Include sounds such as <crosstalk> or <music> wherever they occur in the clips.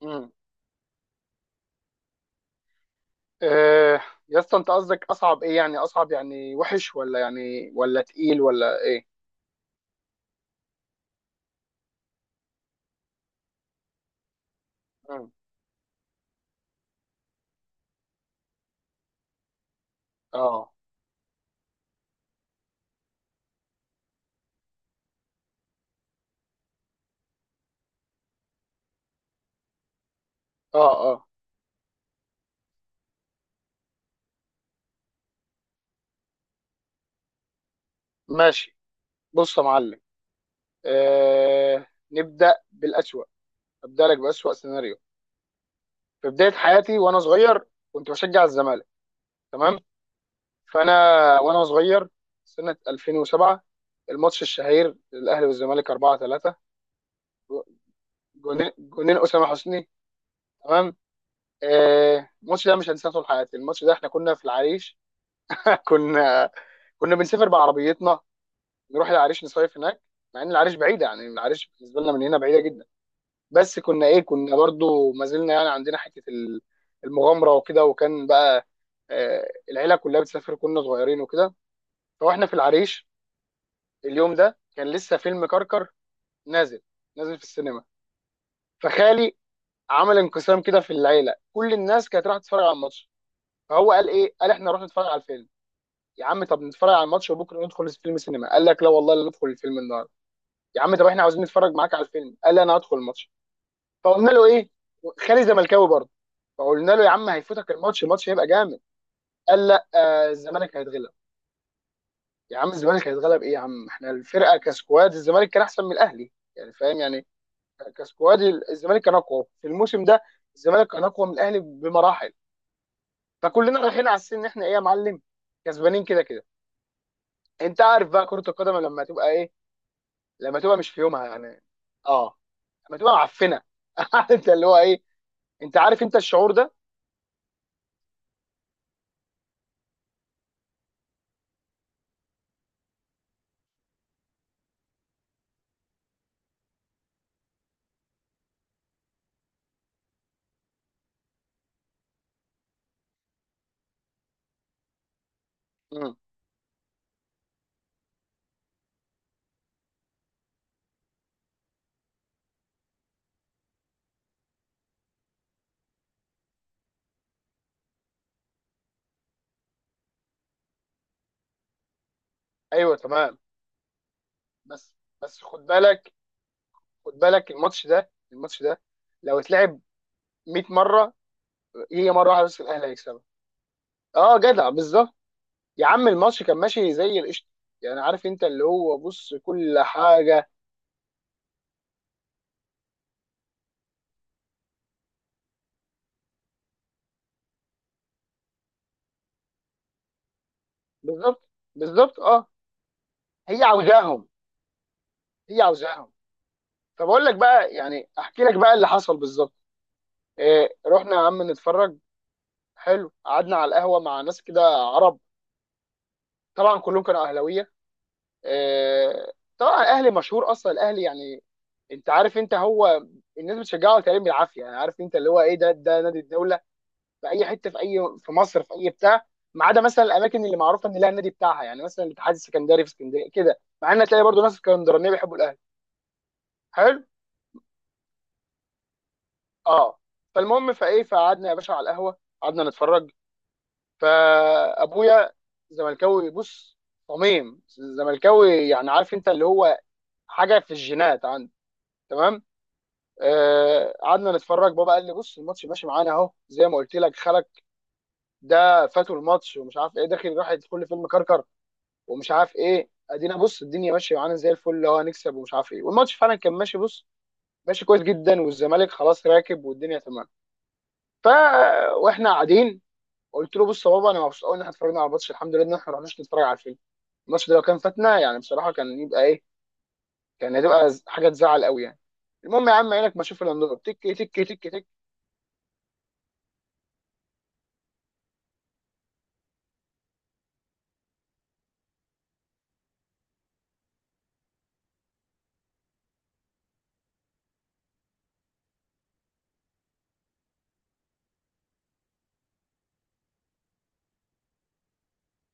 امم إيه يا اسطى، انت قصدك اصعب ايه؟ يعني اصعب يعني وحش، ولا يعني ولا تقيل ولا ايه؟ مم. اه، اه، اه. ماشي. بص يا معلم، إيه نبدا بالاسوأ. ابدا لك باسوأ سيناريو. في بدايه حياتي وانا صغير كنت بشجع الزمالك، تمام؟ فانا وانا صغير، سنه 2007، الماتش الشهير الاهلي والزمالك 4-3، جونين جونين اسامه حسني، تمام. الماتش ده مش هنساه طول حياتي. الماتش ده احنا كنا في العريش. كنا كنا بنسافر بعربيتنا، نروح العريش نصيف هناك. مع ان العريش بعيده، يعني العريش بالنسبه لنا من هنا بعيده جدا، بس كنا ايه، كنا برضو ما زلنا يعني عندنا حته المغامره وكده. وكان بقى العيله كلها بتسافر، كنا صغيرين وكده. فاحنا في العريش، اليوم ده كان لسه فيلم كركر نازل، نازل في السينما. فخالي عمل انقسام كده في العيله. كل الناس كانت رايحه تتفرج على الماتش، فهو قال ايه، قال احنا نروح نتفرج على الفيلم. يا عم طب نتفرج على الماتش وبكره ندخل فيلم سينما، قال لك لا والله، لا ندخل الفيلم النهارده. يا عم طب احنا عاوزين نتفرج معاك على الفيلم، قال لي انا هدخل الماتش. فقلنا له ايه، خالي زملكاوي برضه، فقلنا له يا عم هيفوتك الماتش، الماتش هيبقى جامد. قال لا، الزمالك هيتغلب. يا عم الزمالك هيتغلب ايه، يا عم احنا الفرقه كسكواد، الزمالك كان احسن من الاهلي، يعني فاهم يعني، كسكواد الزمالك كان اقوى في الموسم ده، الزمالك كان اقوى من الاهلي بمراحل. فكلنا رايحين على السن ان احنا ايه يا معلم، كسبانين كده كده. انت عارف بقى كره القدم لما تبقى ايه، لما تبقى مش في يومها يعني، اه، لما تبقى معفنه. <laughs> عارف انت اللي هو ايه، انت عارف انت الشعور ده. مم. ايوه تمام. بس بس خد بالك، خد بالك الماتش ده، الماتش ده لو اتلعب 100 مره، هي مره واحده بس في الاهلي هيكسبها. اه جدع، بالظبط. يا عم الماتش كان ماشي زي القشطه، يعني عارف انت اللي هو، بص كل حاجه. بالظبط، بالظبط اه. هي عاوزاهم، هي عاوزاهم. فبقول لك بقى، يعني احكي لك بقى اللي حصل بالظبط. إيه، رحنا يا عم نتفرج، حلو، قعدنا على القهوه مع ناس كده عرب، طبعا كلهم كانوا اهلاويه. آه، طبعا الاهلي مشهور، اصلا الاهلي يعني، انت عارف انت هو، الناس بتشجعه تقريبا بالعافيه، يعني عارف انت اللي هو ايه، ده نادي الدوله. في اي حته، في اي، في مصر، في اي بتاع، ما عدا مثلا الاماكن اللي معروفه ان لها النادي بتاعها، يعني مثلا الاتحاد السكندري في اسكندريه كده، مع ان تلاقي برضه ناس اسكندرانيه بيحبوا الاهلي. حلو، اه. فالمهم، فايه، فقعدنا يا باشا على القهوه قعدنا نتفرج. فابويا زملكاوي بص، صميم زملكاوي، يعني عارف انت اللي هو، حاجه في الجينات عنده، تمام. قعدنا نتفرج، بابا قال لي بص الماتش ماشي معانا اهو، زي ما قلت لك خلك، ده فاتوا الماتش ومش عارف ايه داخل راح يدخل لي فيلم كركر ومش عارف ايه. ادينا بص الدنيا ماشيه معانا زي الفل، اللي هو هنكسب ومش عارف ايه، والماتش فعلا كان ماشي بص، ماشي كويس جدا، والزمالك خلاص راكب والدنيا تمام. ف واحنا قاعدين، قلت له بص يا بابا، انا مبسوط قوي ان احنا اتفرجنا على الماتش، الحمد لله ان احنا ما رحناش نتفرج على الفيلم. الماتش ده لو كان فاتنا يعني بصراحه كان يبقى ايه، كان هتبقى حاجه تزعل قوي يعني. المهم يا عم، عينك ما اشوف الا النور، تك تك تك تك.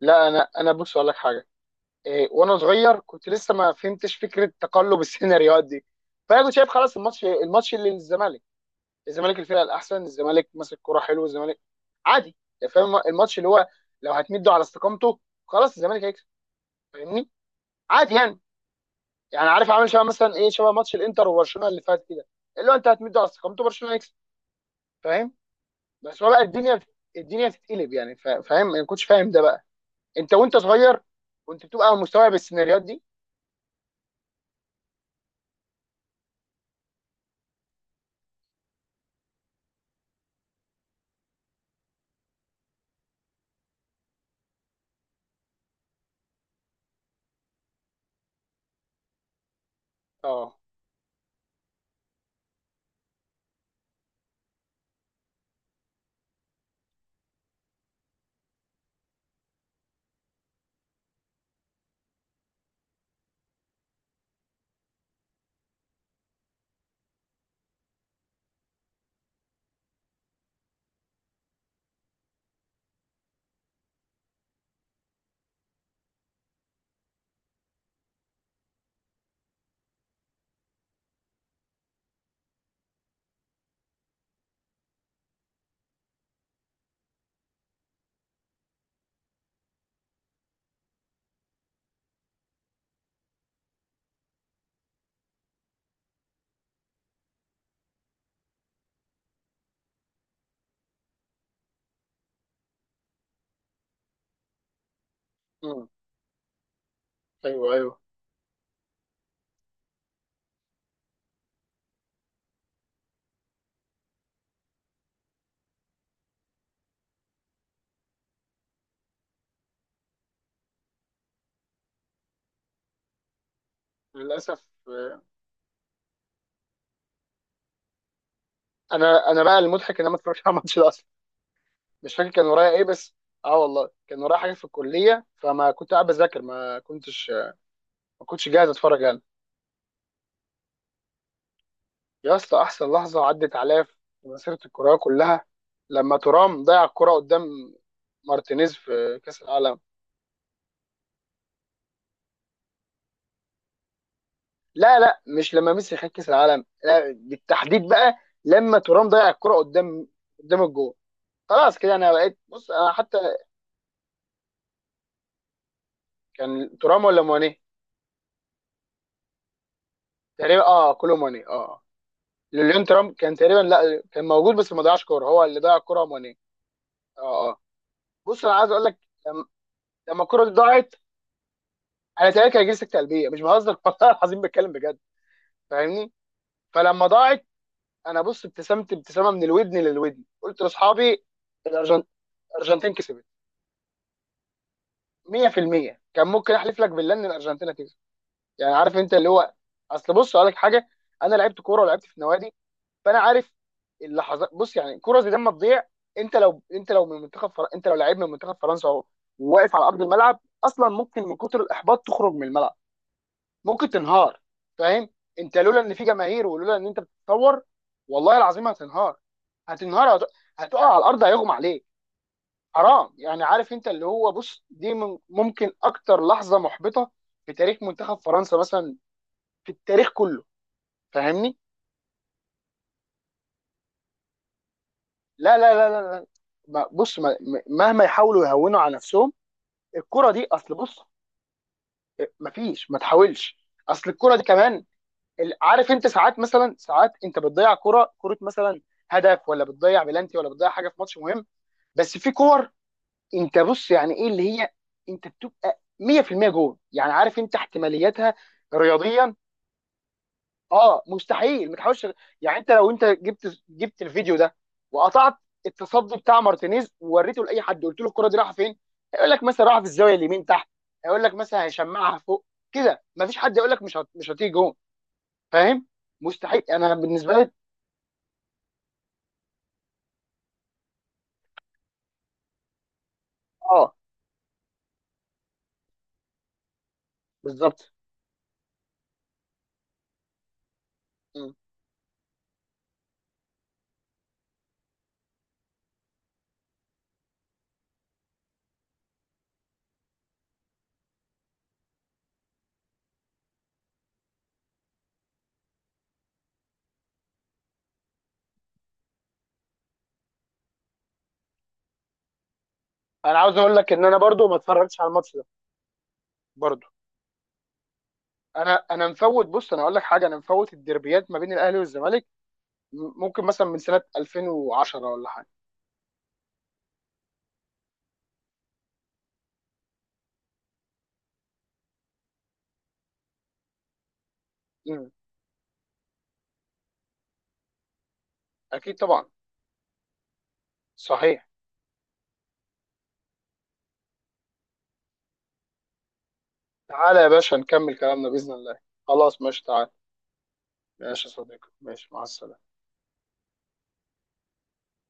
لا، انا بص اقول لك حاجه. إيه، وانا صغير كنت لسه ما فهمتش فكره تقلب السيناريوهات دي، فانا كنت شايف خلاص الماتش، الماتش اللي للزمالك، الزمالك الفرقه الاحسن، الزمالك ماسك كوره حلو، الزمالك عادي، يعني فاهم الماتش اللي هو لو هتمده على استقامته خلاص الزمالك هيكسب. فاهمني، عادي يعني. يعني عارف عامل شبه مثلا ايه، شبه ماتش الانتر وبرشلونه اللي فات كده، اللي هو انت هتمده على استقامته برشلونه هيكسب، فاهم؟ بس هو بقى الدنيا، الدنيا بتتقلب يعني، فاهم، انا ما كنتش فاهم ده بقى. انت وانت صغير كنت بتبقى مستوعب السيناريوهات دي. اه. مم. ايوه، ايوه. للاسف انا بقى المضحك ان انا ما اتفرجتش على الماتش ده اصلا، مش فاكر كان ورايا ايه بس. اه والله كان ورايا حاجه في الكليه، فما كنت قاعد بذاكر، ما كنتش ما كنتش جاهز اتفرج انا. يا اسطى احسن لحظه عدت عليا في مسيره الكرويه كلها، لما ترام ضيع الكره قدام مارتينيز في كاس العالم. لا لا، مش لما ميسي خد كاس العالم، لا بالتحديد بقى لما ترام ضيع الكره قدام، قدام الجول. خلاص كده انا بقيت بص، انا حتى كان ترام ولا ماني؟ تقريبا اه، كولو ماني، اه. ليون ترامب كان تقريبا، لا كان موجود بس ما ضيعش كوره، هو اللي ضيع الكوره ماني. اه اه. بص انا عايز اقول لك، لما لما الكوره دي ضاعت، انا تقريبا كان جلسه قلبيه، مش بهزر. <laughs> والله العظيم بتكلم بجد، فاهمني؟ فلما ضاعت، انا بص ابتسمت ابتسامه من الودن للودن، قلت لاصحابي الأرجن- الارجنتين كسبت 100%، كان ممكن احلف لك بالله ان الارجنتين هتكسب. يعني عارف انت اللي هو، اصل بص اقول لك حاجه، انا لعبت كوره ولعبت في نوادي، فانا عارف اللحظات بص. يعني كرة زي دي لما تضيع، انت لو انت لو من منتخب انت لو لعيب من منتخب فرنسا وواقف على ارض الملعب، اصلا ممكن من كتر الاحباط تخرج من الملعب، ممكن تنهار، فاهم؟ انت لولا ان في جماهير، ولولا ان انت بتتصور، والله العظيم هتنهار، هتنهار، هتقع على الارض، هيغمى عليك، حرام. يعني عارف انت اللي هو، بص دي ممكن اكتر لحظة محبطة في تاريخ منتخب فرنسا مثلا، في التاريخ كله، فاهمني. لا لا لا لا لا. بص، مهما يحاولوا يهونوا على نفسهم، الكرة دي اصل بص، ما فيش، ما تحاولش. اصل الكرة دي كمان عارف انت ساعات مثلا، ساعات انت بتضيع كرة، كرة مثلا هدف، ولا بتضيع بلانتي، ولا بتضيع حاجة في ماتش مهم. بس في كور، انت بص يعني ايه اللي هي، انت بتبقى 100% جول، يعني عارف انت احتماليتها رياضيا، اه، مستحيل ما تحاولش. يعني انت لو، انت جبت جبت الفيديو ده وقطعت التصدي بتاع مارتينيز ووريته لاي حد، قلت له الكره دي رايحه فين، هيقول لك مثلا رايحه في الزاويه اليمين تحت، هيقول لك مثلا هيشمعها فوق، كده. ما فيش حد يقول لك مش مش هتيجي جون، فاهم؟ مستحيل، انا بالنسبه لي. اه بالظبط. م. انا عاوز اقول لك ان انا برضو ما اتفرجتش على الماتش ده برضو. انا مفوت، بص انا اقول لك حاجه، انا مفوت الديربيات ما بين الاهلي والزمالك، ممكن مثلا من سنه 2010 ولا حاجه. م. اكيد طبعا، صحيح. تعالى يا باشا نكمل كلامنا بإذن الله. خلاص ماشي، تعالى. ماشي يا صديقي، ماشي، مع السلامة.